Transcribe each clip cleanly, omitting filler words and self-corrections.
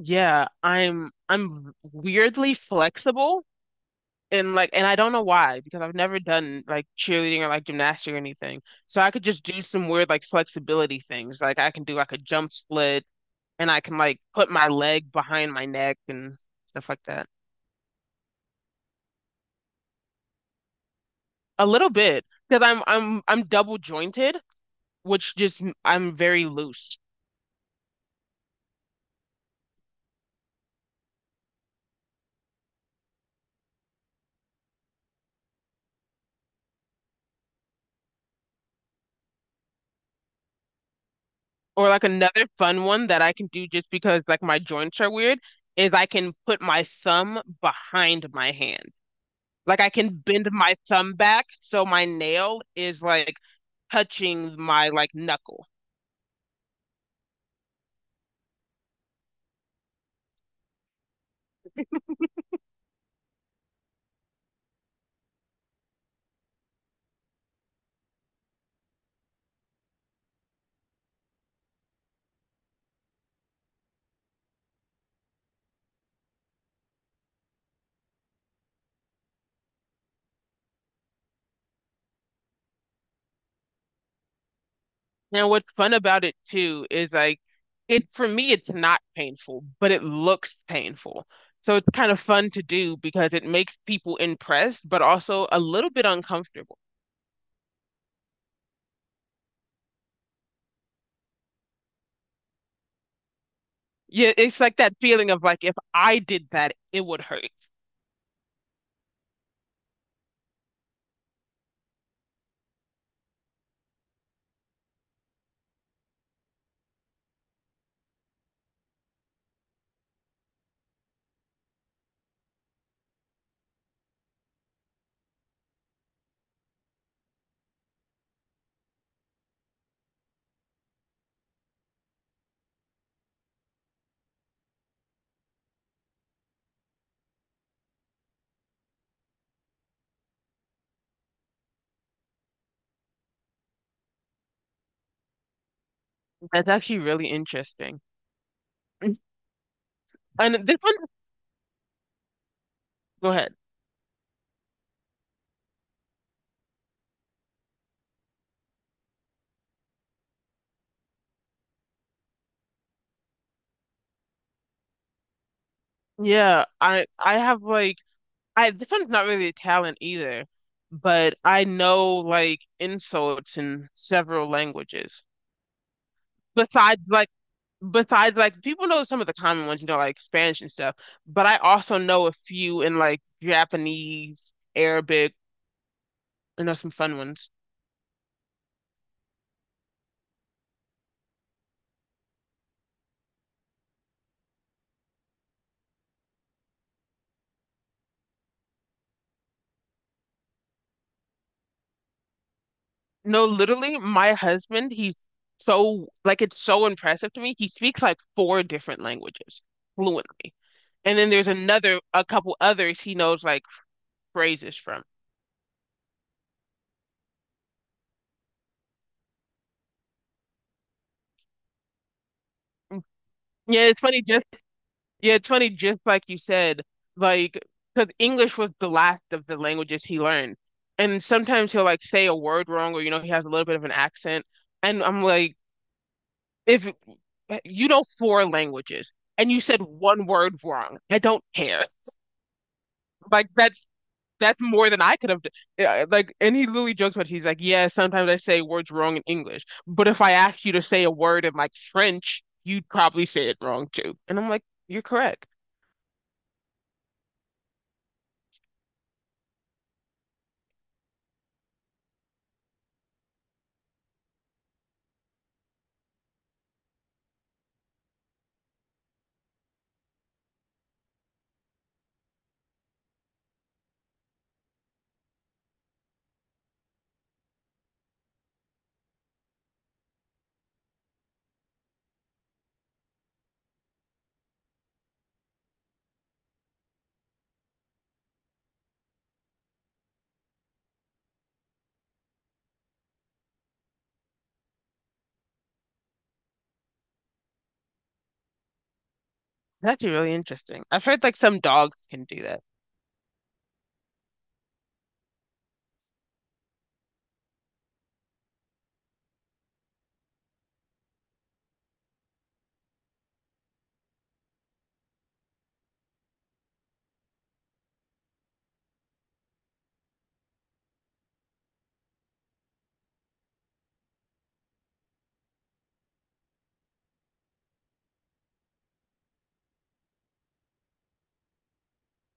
Yeah, I'm weirdly flexible and I don't know why because I've never done like cheerleading or like gymnastics or anything. So I could just do some weird like flexibility things. Like I can do like a jump split, and I can like put my leg behind my neck and stuff like that. A little bit because I'm double jointed, which just I'm very loose. Or like another fun one that I can do just because like my joints are weird is I can put my thumb behind my hand. Like I can bend my thumb back so my nail is like touching my like knuckle. And what's fun about it too is like it for me it's not painful, but it looks painful. So it's kind of fun to do because it makes people impressed, but also a little bit uncomfortable. Yeah, it's like that feeling of like if I did that, it would hurt. That's actually really interesting. And this one, go ahead. Yeah, I have like I this one's not really a talent either, but I know like insults in several languages. Besides like besides like people know some of the common ones, you know, like Spanish and stuff, but I also know a few in like Japanese, Arabic, I know some fun ones. No, literally, my husband, he's so like it's so impressive to me. He speaks like four different languages fluently. And then there's another a couple others he knows like phrases from. Yeah, it's funny just Yeah, it's funny, just like you said, like, because English was the last of the languages he learned. And sometimes he'll like say a word wrong or, you know, he has a little bit of an accent. And I'm like, if you know four languages and you said one word wrong, I don't care. Like, that's more than I could have done. Yeah, like, and he literally jokes about it. He's like, yeah, sometimes I say words wrong in English, but if I asked you to say a word in like French, you'd probably say it wrong too. And I'm like, you're correct. That's actually really interesting. I've heard like some dogs can do that.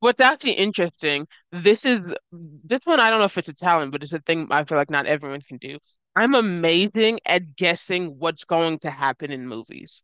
What's actually interesting, this is this one I don't know if it's a talent, but it's a thing I feel like not everyone can do. I'm amazing at guessing what's going to happen in movies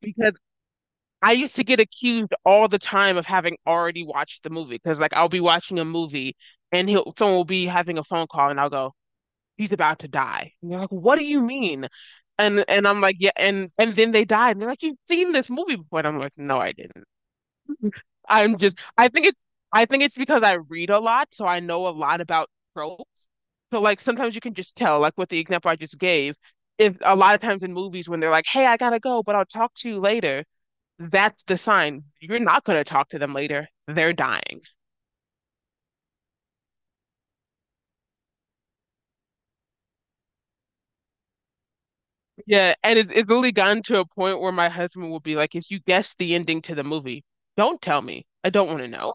because I used to get accused all the time of having already watched the movie because like I'll be watching a movie and he'll someone will be having a phone call and I'll go, he's about to die. And they're like, what do you mean? And I'm like, yeah, and then they died. And they're like, you've seen this movie before. And I'm like, no, I didn't. I'm just I think it's I think it's because I read a lot, so I know a lot about tropes. So like sometimes you can just tell, like with the example I just gave, if a lot of times in movies when they're like, "Hey, I gotta go, but I'll talk to you later," that's the sign you're not gonna talk to them later. They're dying. Yeah, and it's literally gotten to a point where my husband will be like, "If you guess the ending to the movie, don't tell me. I don't want to know."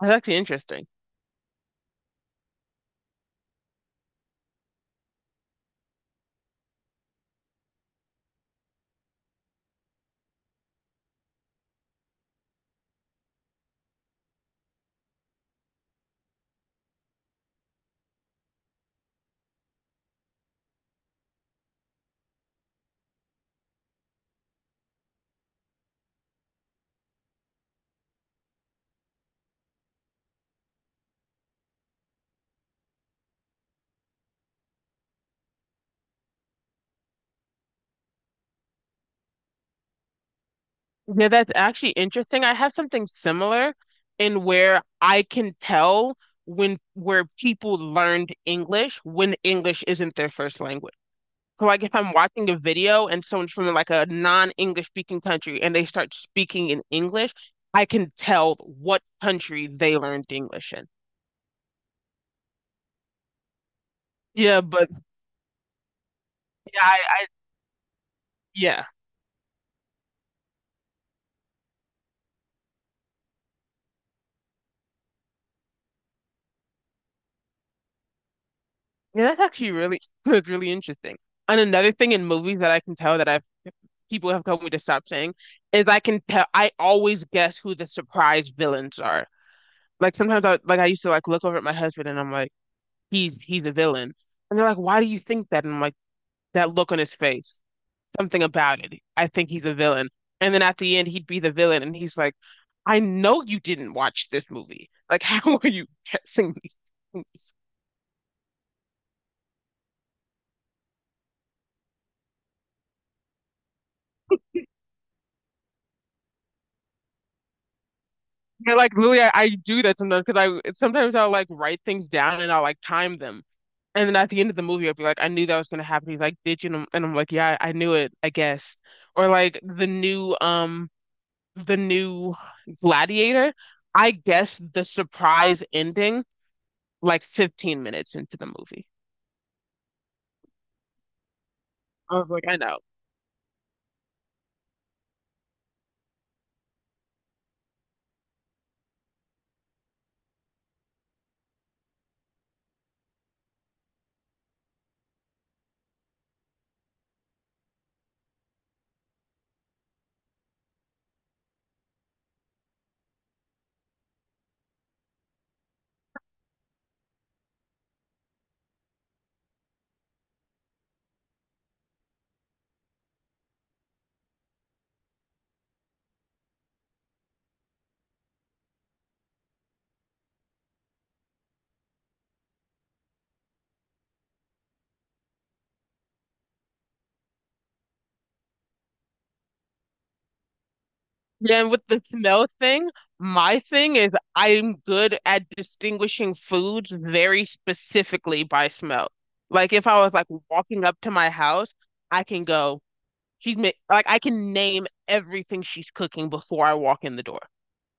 That's actually interesting. Yeah, that's actually interesting. I have something similar in where I can tell when where people learned English when English isn't their first language. So like if I'm watching a video and someone's from like a non-English speaking country and they start speaking in English, I can tell what country they learned English in. Yeah, but yeah, I yeah. Yeah, that's actually really, that's really interesting. And another thing in movies that I can tell that I've people have told me to stop saying is I can tell I always guess who the surprise villains are. Like sometimes I used to like look over at my husband and I'm like, he's a villain. And they're like, why do you think that? And I'm like, that look on his face, something about it. I think he's a villain. And then at the end he'd be the villain and he's like, I know you didn't watch this movie. Like, how are you guessing these things? Yeah, like literally, I do that sometimes because I sometimes I'll like write things down and I'll like time them, and then at the end of the movie I'll be like, I knew that was gonna happen. He's like, did you? And I'm like, yeah, I knew it, I guess. Or like the new the new Gladiator, I guess the surprise ending like 15 minutes into the movie. I was like, I know. Then with the smell thing, my thing is I'm good at distinguishing foods very specifically by smell. Like if I was like walking up to my house, I can go, she's ma like I can name everything she's cooking before I walk in the door.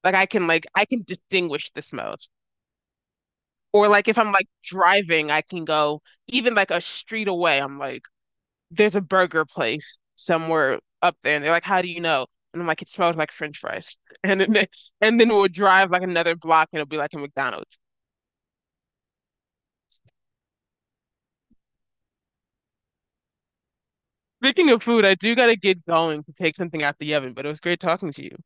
Like I can distinguish the smells. Or like if I'm like driving, I can go even like a street away, I'm like, there's a burger place somewhere up there, and they're like, "How do you know?" And I'm like, "It smells like French fries." And then, and then we'll drive like another block, and it'll be like a McDonald's. Speaking of food, I do gotta get going to take something out the oven, but it was great talking to you.